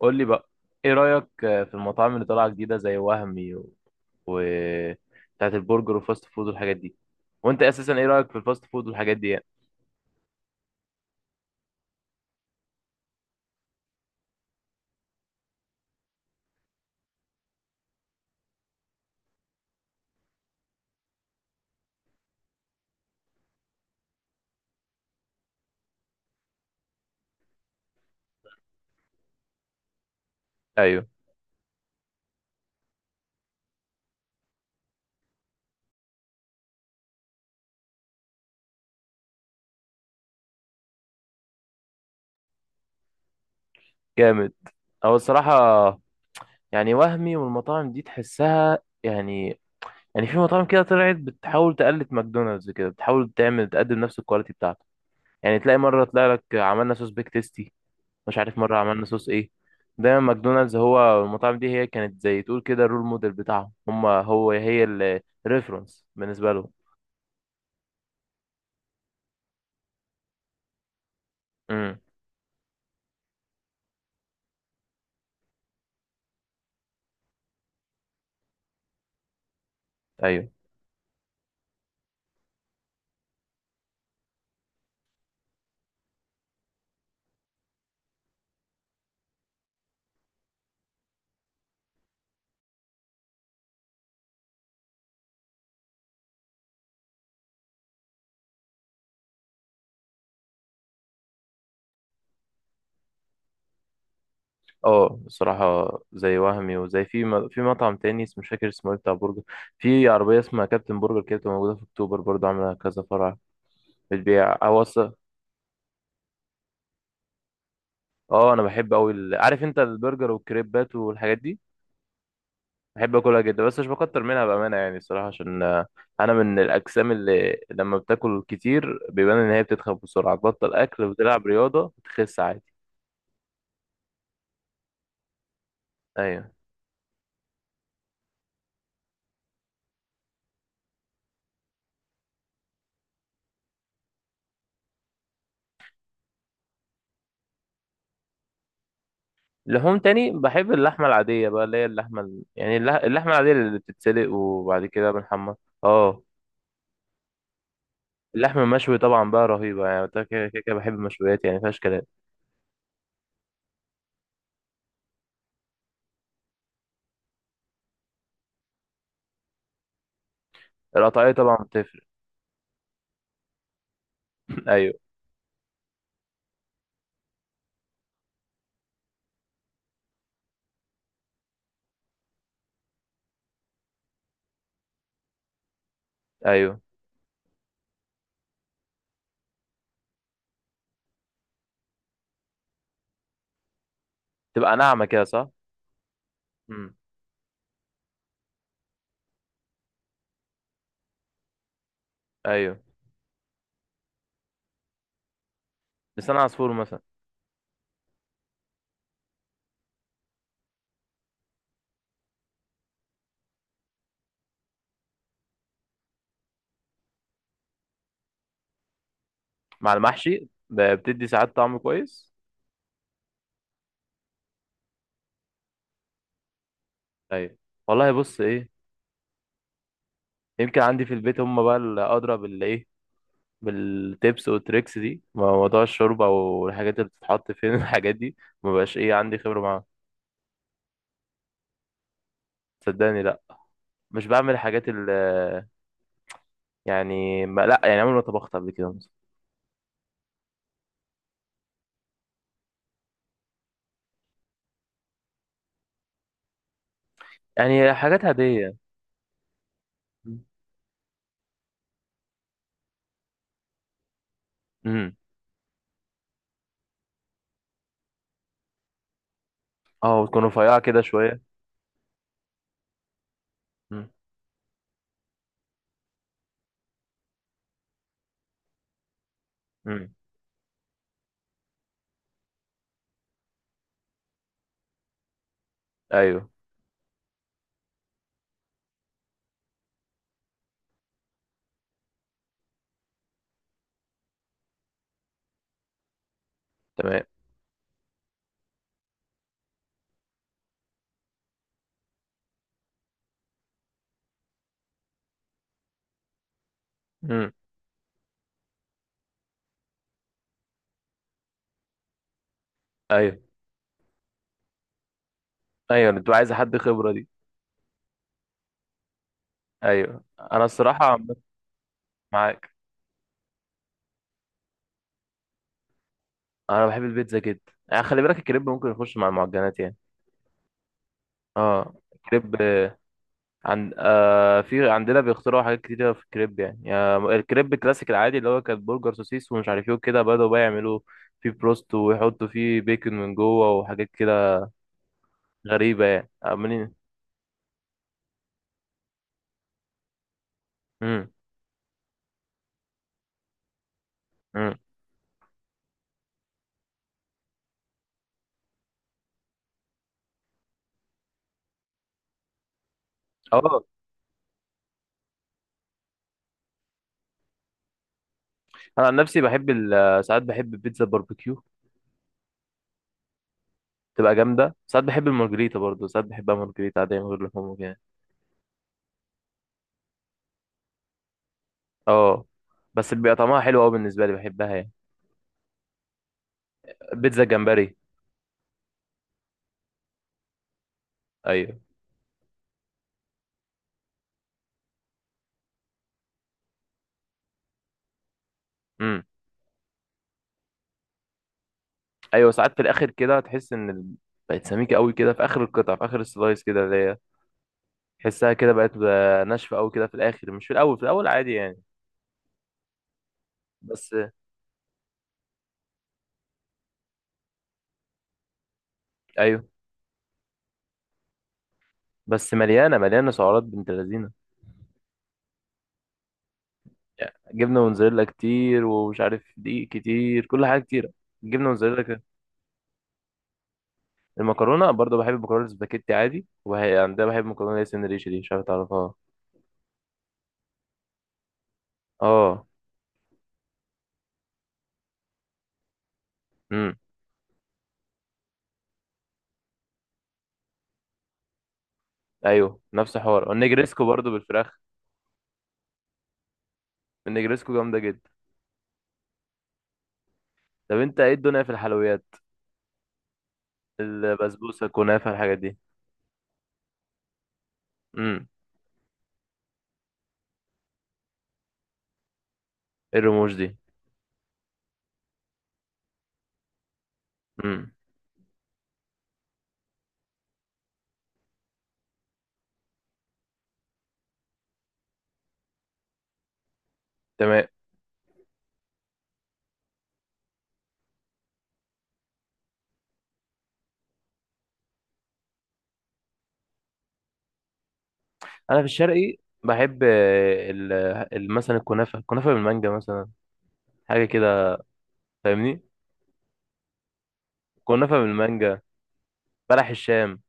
قول لي بقى، ايه رأيك في المطاعم اللي طالعة جديدة زي وهمي و بتاعت البرجر والفاست فود والحاجات دي؟ وانت اساسا ايه رأيك في الفاست فود والحاجات دي يعني؟ ايوه. جامد. او الصراحة، يعني وهمي والمطاعم دي تحسها يعني، يعني في مطاعم كده طلعت بتحاول تقلد ماكدونالدز، كده بتحاول تعمل تقدم نفس الكواليتي بتاعته. يعني تلاقي مرة، تلاقي لك عملنا صوص بيك تيستي، مش عارف، مرة عملنا صوص ايه. دايما ماكدونالدز هو المطاعم دي، هي كانت زي تقول كده الرول موديل بتاعهم. هم هو هي الريفرنس بالنسبة لهم. امم، ايوه. اه، الصراحة زي وهمي وزي في مطعم تاني اسمه، مش فاكر اسمه ايه، بتاع برجر. في عربية اسمها كابتن برجر كده، بتبقى موجودة في اكتوبر، برضه عاملة كذا فرع. بتبيع او أص- اه انا بحب اوي عارف انت، البرجر والكريبات والحاجات دي. بحب اكلها جدا بس مش بكتر منها بامانه يعني، الصراحه عشان انا من الاجسام اللي لما بتاكل كتير بيبان ان هي بتتخن بسرعه. تبطل اكل وتلعب رياضه بتخس عادي. ايوه. لحوم تاني بحب اللحمه العاديه بقى، اللي هي اللحمه اللحمه العاديه اللي بتتسلق وبعد كده بنحمر. اه. اللحم المشوي طبعا بقى رهيبه يعني، ده كده كده كده بحب المشويات يعني، مفيهاش كلام. القطعيه طبعا بتفرق. ايوه. ايوه، تبقى ناعمه كده، صح. امم. ايوه، لسان عصفور مثلا. مع المحشي بتدي ساعات طعم كويس. ايوه. والله بص ايه، يمكن عندي في البيت هم بقى اللي ادرى بال ايه، بالتيبس والتريكس دي، موضوع الشوربه والحاجات اللي بتتحط فين الحاجات دي. ما بقاش ايه عندي خبره معاها. صدقني لا، مش بعمل حاجات يعني ما لا يعني عمري ما طبخت قبل كده مثلا. يعني حاجات عاديه. امم. اه، وتكون رفيعه كده شويه. امم. امم، ايوه. تمام. امم، ايوه، ايوه. انت عايز حد خبره دي. ايوه، انا الصراحه معاك انا بحب البيتزا جدا، يعني خلي بالك الكريب ممكن يخش مع المعجنات يعني. اه، الكريب عندنا بيخترعوا حاجات كتيرة في الكريب يعني، الكريب الكلاسيك العادي اللي هو كان برجر سوسيس ومش عارف ايه وكده، بدأوا بقى يعملوا فيه بروست ويحطوا فيه بيكن من جوه وحاجات كده غريبة، يعني عاملين. امم. امم، اه، انا عن نفسي بحب ساعات بحب البيتزا باربيكيو، تبقى جامدة. ساعات بحب المارجريتا برضه، ساعات بحبها مارجريتا عادية من غير لحوم وكده. اه، بس بيبقى طعمها حلو قوي بالنسبة لي، بحبها يعني. بيتزا جمبري. ايوه. امم. ايوه، ساعات في الاخر كده تحس ان بقت سميكه قوي كده في اخر القطع، في اخر السلايس كده، اللي هي تحسها كده بقت ناشفه قوي كده في الاخر، مش في الاول، في الاول عادي يعني. بس. ايوه، بس مليانه مليانه سعرات بنت لذينه، يعني جبنه موتزاريلا كتير ومش عارف دقيق كتير، كل حاجه كتيره، الجبنه موتزاريلا كده. المكرونه برضه بحب المكرونه السباكيتي عادي، وهي عندها بحب المكرونه اللي هي سن ريش دي، مش عارف تعرفها. اه. امم. ايوه، نفس حوار. والنجريسكو برضه بالفراخ. النجريسكو جامده جدا. طب انت ايه الدنيا في الحلويات، البسبوسه الكنافه الحاجات دي؟ امم. ايه الرموش دي؟ امم. تمام. انا في الشرقي بحب مثلا الكنافه، الكنافه بالمانجا مثلا، حاجه كده، فاهمني. كنافه بالمانجا، بلح الشام،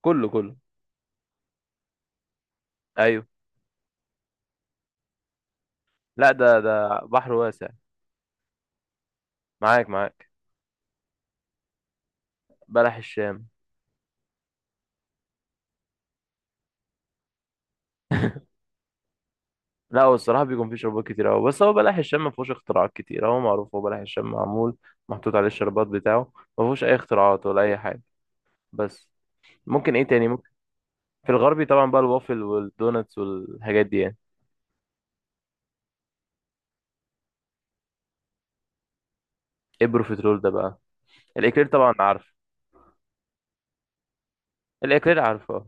كله كله. ايوه. لا، ده بحر واسع. معاك معاك. بلح الشام. لا، هو الصراحه بيكون فيه شربات كتير قوي، بس هو بلح الشام ما فيهوش اختراعات كتير، هو معروف، هو بلح الشام معمول، محطوط عليه الشربات بتاعه. ما فيهوش اي اختراعات ولا اي حاجه، بس. ممكن ايه تاني. في الغربي طبعا بقى الوافل والدوناتس والحاجات دي يعني. ايه بروفيترول ده بقى؟ الاكلير طبعا عارف. الاكلير عارفه.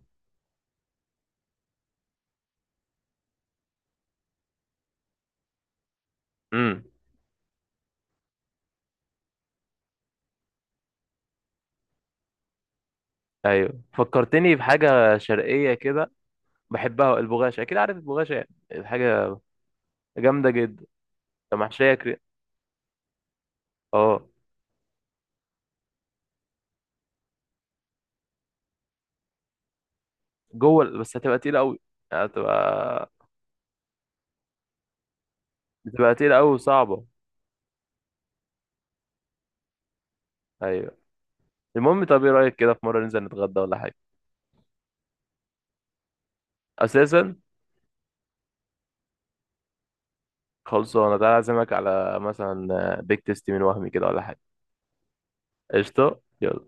امم. ايوه، فكرتني بحاجه شرقيه كده، بحبها البغاشه، اكيد عارف البغاشه، يعني الحاجه. جامده جدا. طب محشيه كري. اه، جوه بس هتبقى تقيله قوي. هتبقى بتبقى تقيله قوي وصعبه. ايوه. المهم، طب ايه رايك كده في مره ننزل نتغدى ولا حاجه؟ اساسا خلصانه، تعالى اعزمك على مثلا بيك تيستي من وهمي كده، ولا حاجه. قشطه، يلا.